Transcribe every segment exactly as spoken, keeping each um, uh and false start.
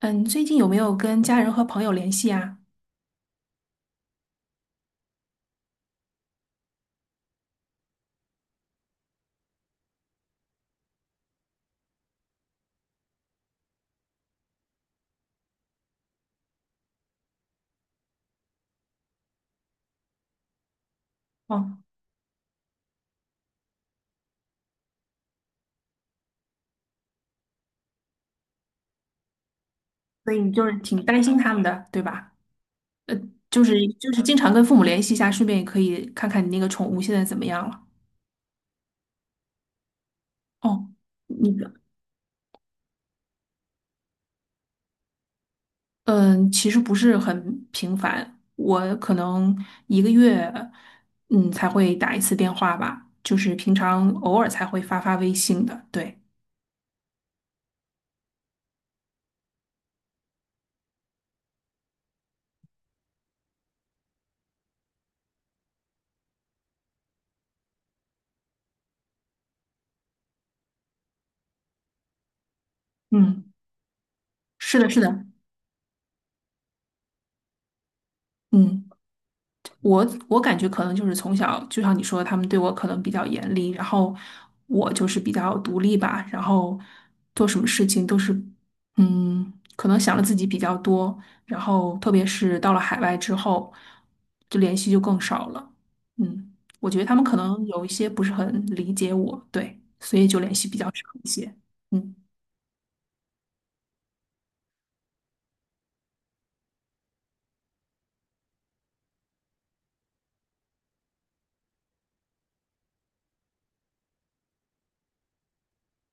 嗯，最近有没有跟家人和朋友联系啊？哦，挺担心他们的，对吧？就是就是经常跟父母联系一下，顺便也可以看看你那个宠物现在怎么样了。哦，那个，嗯，其实不是很频繁，我可能一个月嗯才会打一次电话吧，就是平常偶尔才会发发微信的。对，嗯，是的，是的，嗯。我我感觉可能就是从小，就像你说的，他们对我可能比较严厉，然后我就是比较独立吧，然后做什么事情都是，嗯，可能想的自己比较多，然后特别是到了海外之后，就联系就更少了。嗯，我觉得他们可能有一些不是很理解我，对，所以就联系比较少一些。嗯。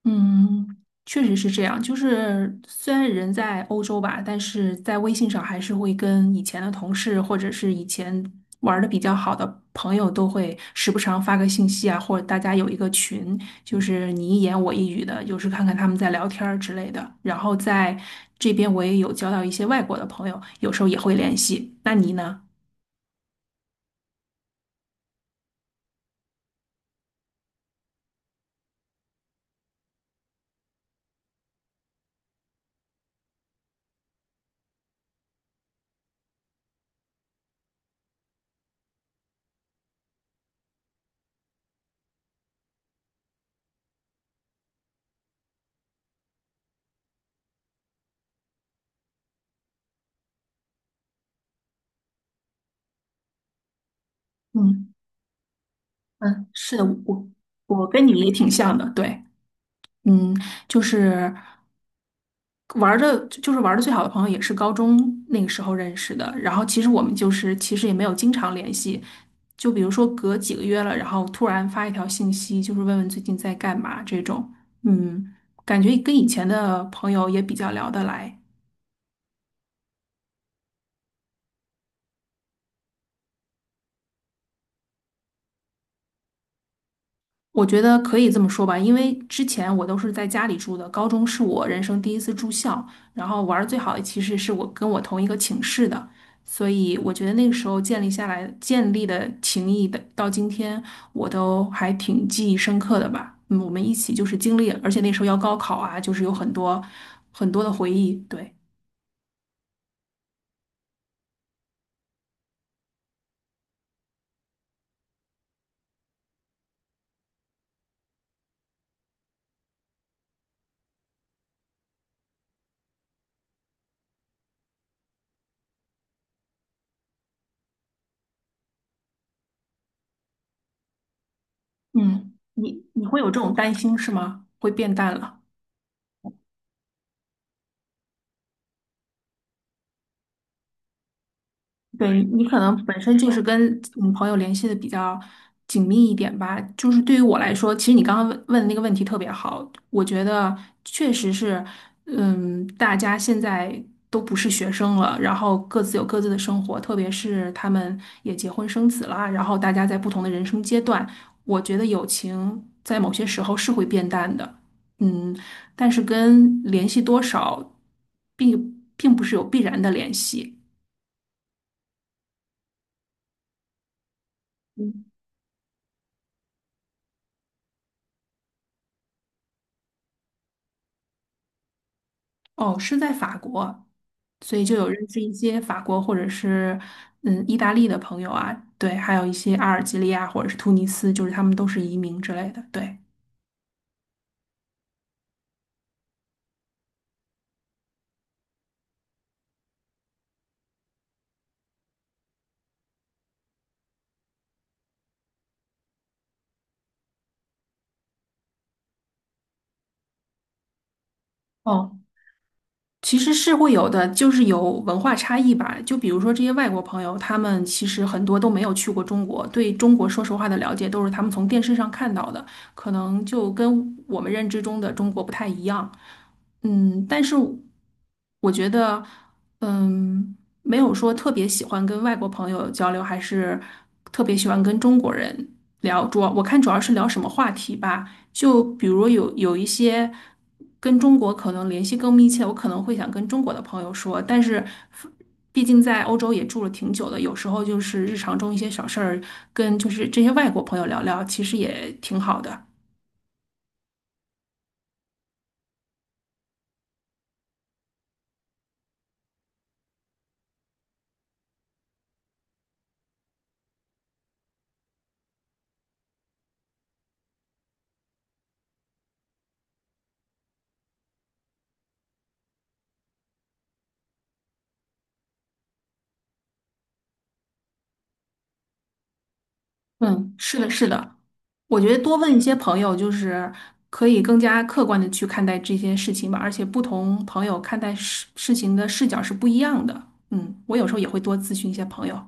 嗯，确实是这样。就是虽然人在欧洲吧，但是在微信上还是会跟以前的同事或者是以前玩的比较好的朋友都会时不常发个信息啊，或者大家有一个群，就是你一言我一语的，有时看看他们在聊天儿之类的。然后在这边我也有交到一些外国的朋友，有时候也会联系。那你呢？嗯嗯，是的，我我跟你也挺像的，对。嗯，就是。玩的，就是玩的最好的朋友也是高中那个时候认识的。然后其实我们就是其实也没有经常联系，就比如说隔几个月了，然后突然发一条信息，就是问问最近在干嘛这种。嗯，感觉跟以前的朋友也比较聊得来。我觉得可以这么说吧，因为之前我都是在家里住的，高中是我人生第一次住校，然后玩儿最好的其实是我跟我同一个寝室的，所以我觉得那个时候建立下来建立的情谊的，到今天我都还挺记忆深刻的吧。嗯，我们一起就是经历，而且那时候要高考啊，就是有很多很多的回忆。对，嗯，你你会有这种担心是吗？会变淡了。对，你可能本身就是跟嗯朋友联系的比较紧密一点吧。就是对于我来说，其实你刚刚问问的那个问题特别好，我觉得确实是，嗯，大家现在都不是学生了，然后各自有各自的生活，特别是他们也结婚生子了，然后大家在不同的人生阶段，我觉得友情在某些时候是会变淡的，嗯，但是跟联系多少并并不是有必然的联系。哦，是在法国，所以就有认识一些法国或者是嗯意大利的朋友啊，对，还有一些阿尔及利亚或者是突尼斯，就是他们都是移民之类的，对。哦，其实是会有的，就是有文化差异吧。就比如说这些外国朋友，他们其实很多都没有去过中国，对中国说实话的了解都是他们从电视上看到的，可能就跟我们认知中的中国不太一样。嗯，但是我觉得，嗯，没有说特别喜欢跟外国朋友交流，还是特别喜欢跟中国人。聊主要我看主要是聊什么话题吧，就比如有有一些跟中国可能联系更密切，我可能会想跟中国的朋友说，但是毕竟在欧洲也住了挺久的，有时候就是日常中一些小事儿，跟就是这些外国朋友聊聊，其实也挺好的。嗯，是的，是的，我觉得多问一些朋友，就是可以更加客观的去看待这些事情吧，而且不同朋友看待事事情的视角是不一样的。嗯，我有时候也会多咨询一些朋友。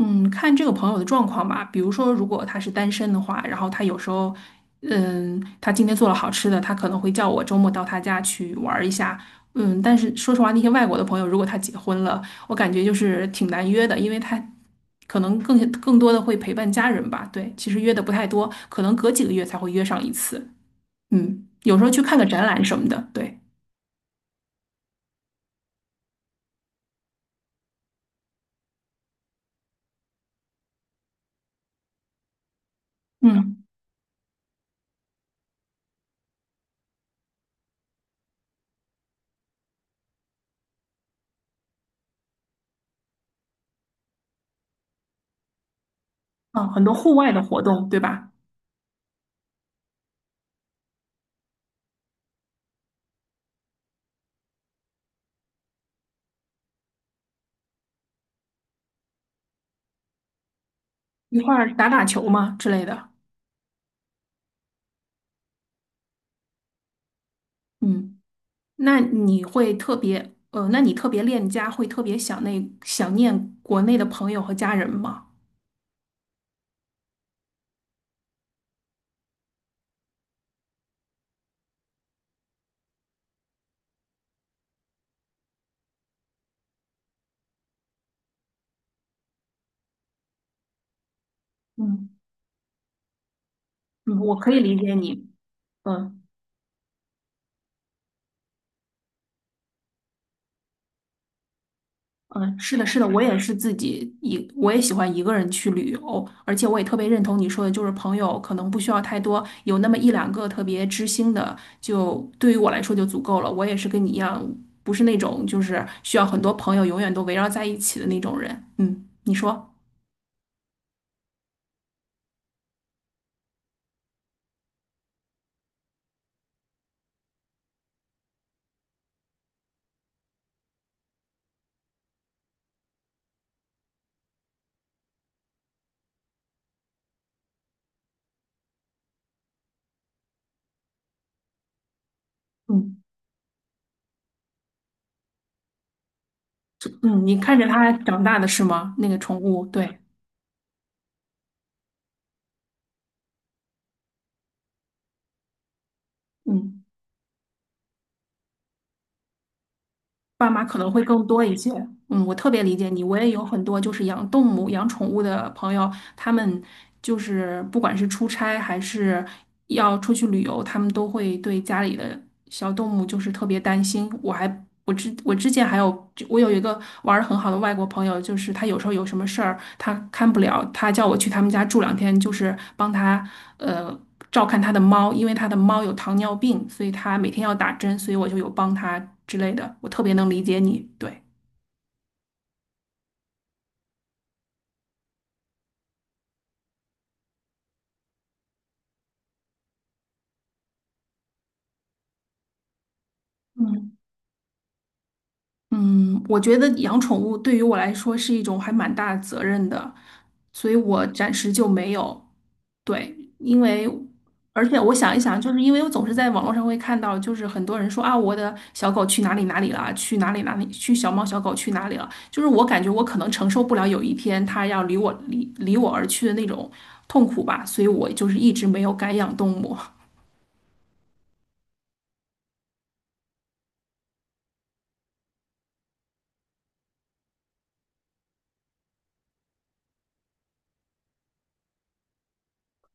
嗯，看这个朋友的状况吧。比如说，如果他是单身的话，然后他有时候，嗯，他今天做了好吃的，他可能会叫我周末到他家去玩儿一下。嗯，但是说实话，那些外国的朋友，如果他结婚了，我感觉就是挺难约的，因为他可能更更多的会陪伴家人吧。对，其实约的不太多，可能隔几个月才会约上一次。嗯，有时候去看个展览什么的。对，嗯，啊，很多户外的活动，对吧？一块儿打打球嘛之类的。嗯。那你会特别，呃，那你特别恋家，会特别想那想念国内的朋友和家人吗？嗯，嗯，我可以理解你。嗯嗯，是的，是的，我也是自己一，我也喜欢一个人去旅游，而且我也特别认同你说的，就是朋友可能不需要太多，有那么一两个特别知心的，就对于我来说就足够了。我也是跟你一样，不是那种就是需要很多朋友永远都围绕在一起的那种人。嗯，你说。嗯。嗯，你看着它长大的是吗？那个宠物，对，嗯，爸妈可能会更多一些。嗯，我特别理解你，我也有很多就是养动物、养宠物的朋友，他们就是不管是出差还是要出去旅游，他们都会对家里的小动物就是特别担心。我还我之我之前还有我有一个玩的很好的外国朋友，就是他有时候有什么事儿他看不了，他叫我去他们家住两天，就是帮他呃。照看他的猫，因为他的猫有糖尿病，所以他每天要打针，所以我就有帮他之类的。我特别能理解你，对，嗯，我觉得养宠物对于我来说是一种还蛮大的责任的，所以我暂时就没有。对，因为而且我想一想，就是因为我总是在网络上会看到，就是很多人说啊，我的小狗去哪里哪里了，去哪里哪里，去小猫小狗去哪里了，就是我感觉我可能承受不了有一天它要离我离离我而去的那种痛苦吧，所以我就是一直没有敢养动物。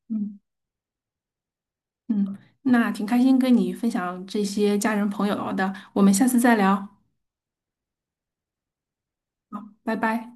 嗯嗯，那挺开心跟你分享这些家人朋友的，我们下次再聊，拜拜。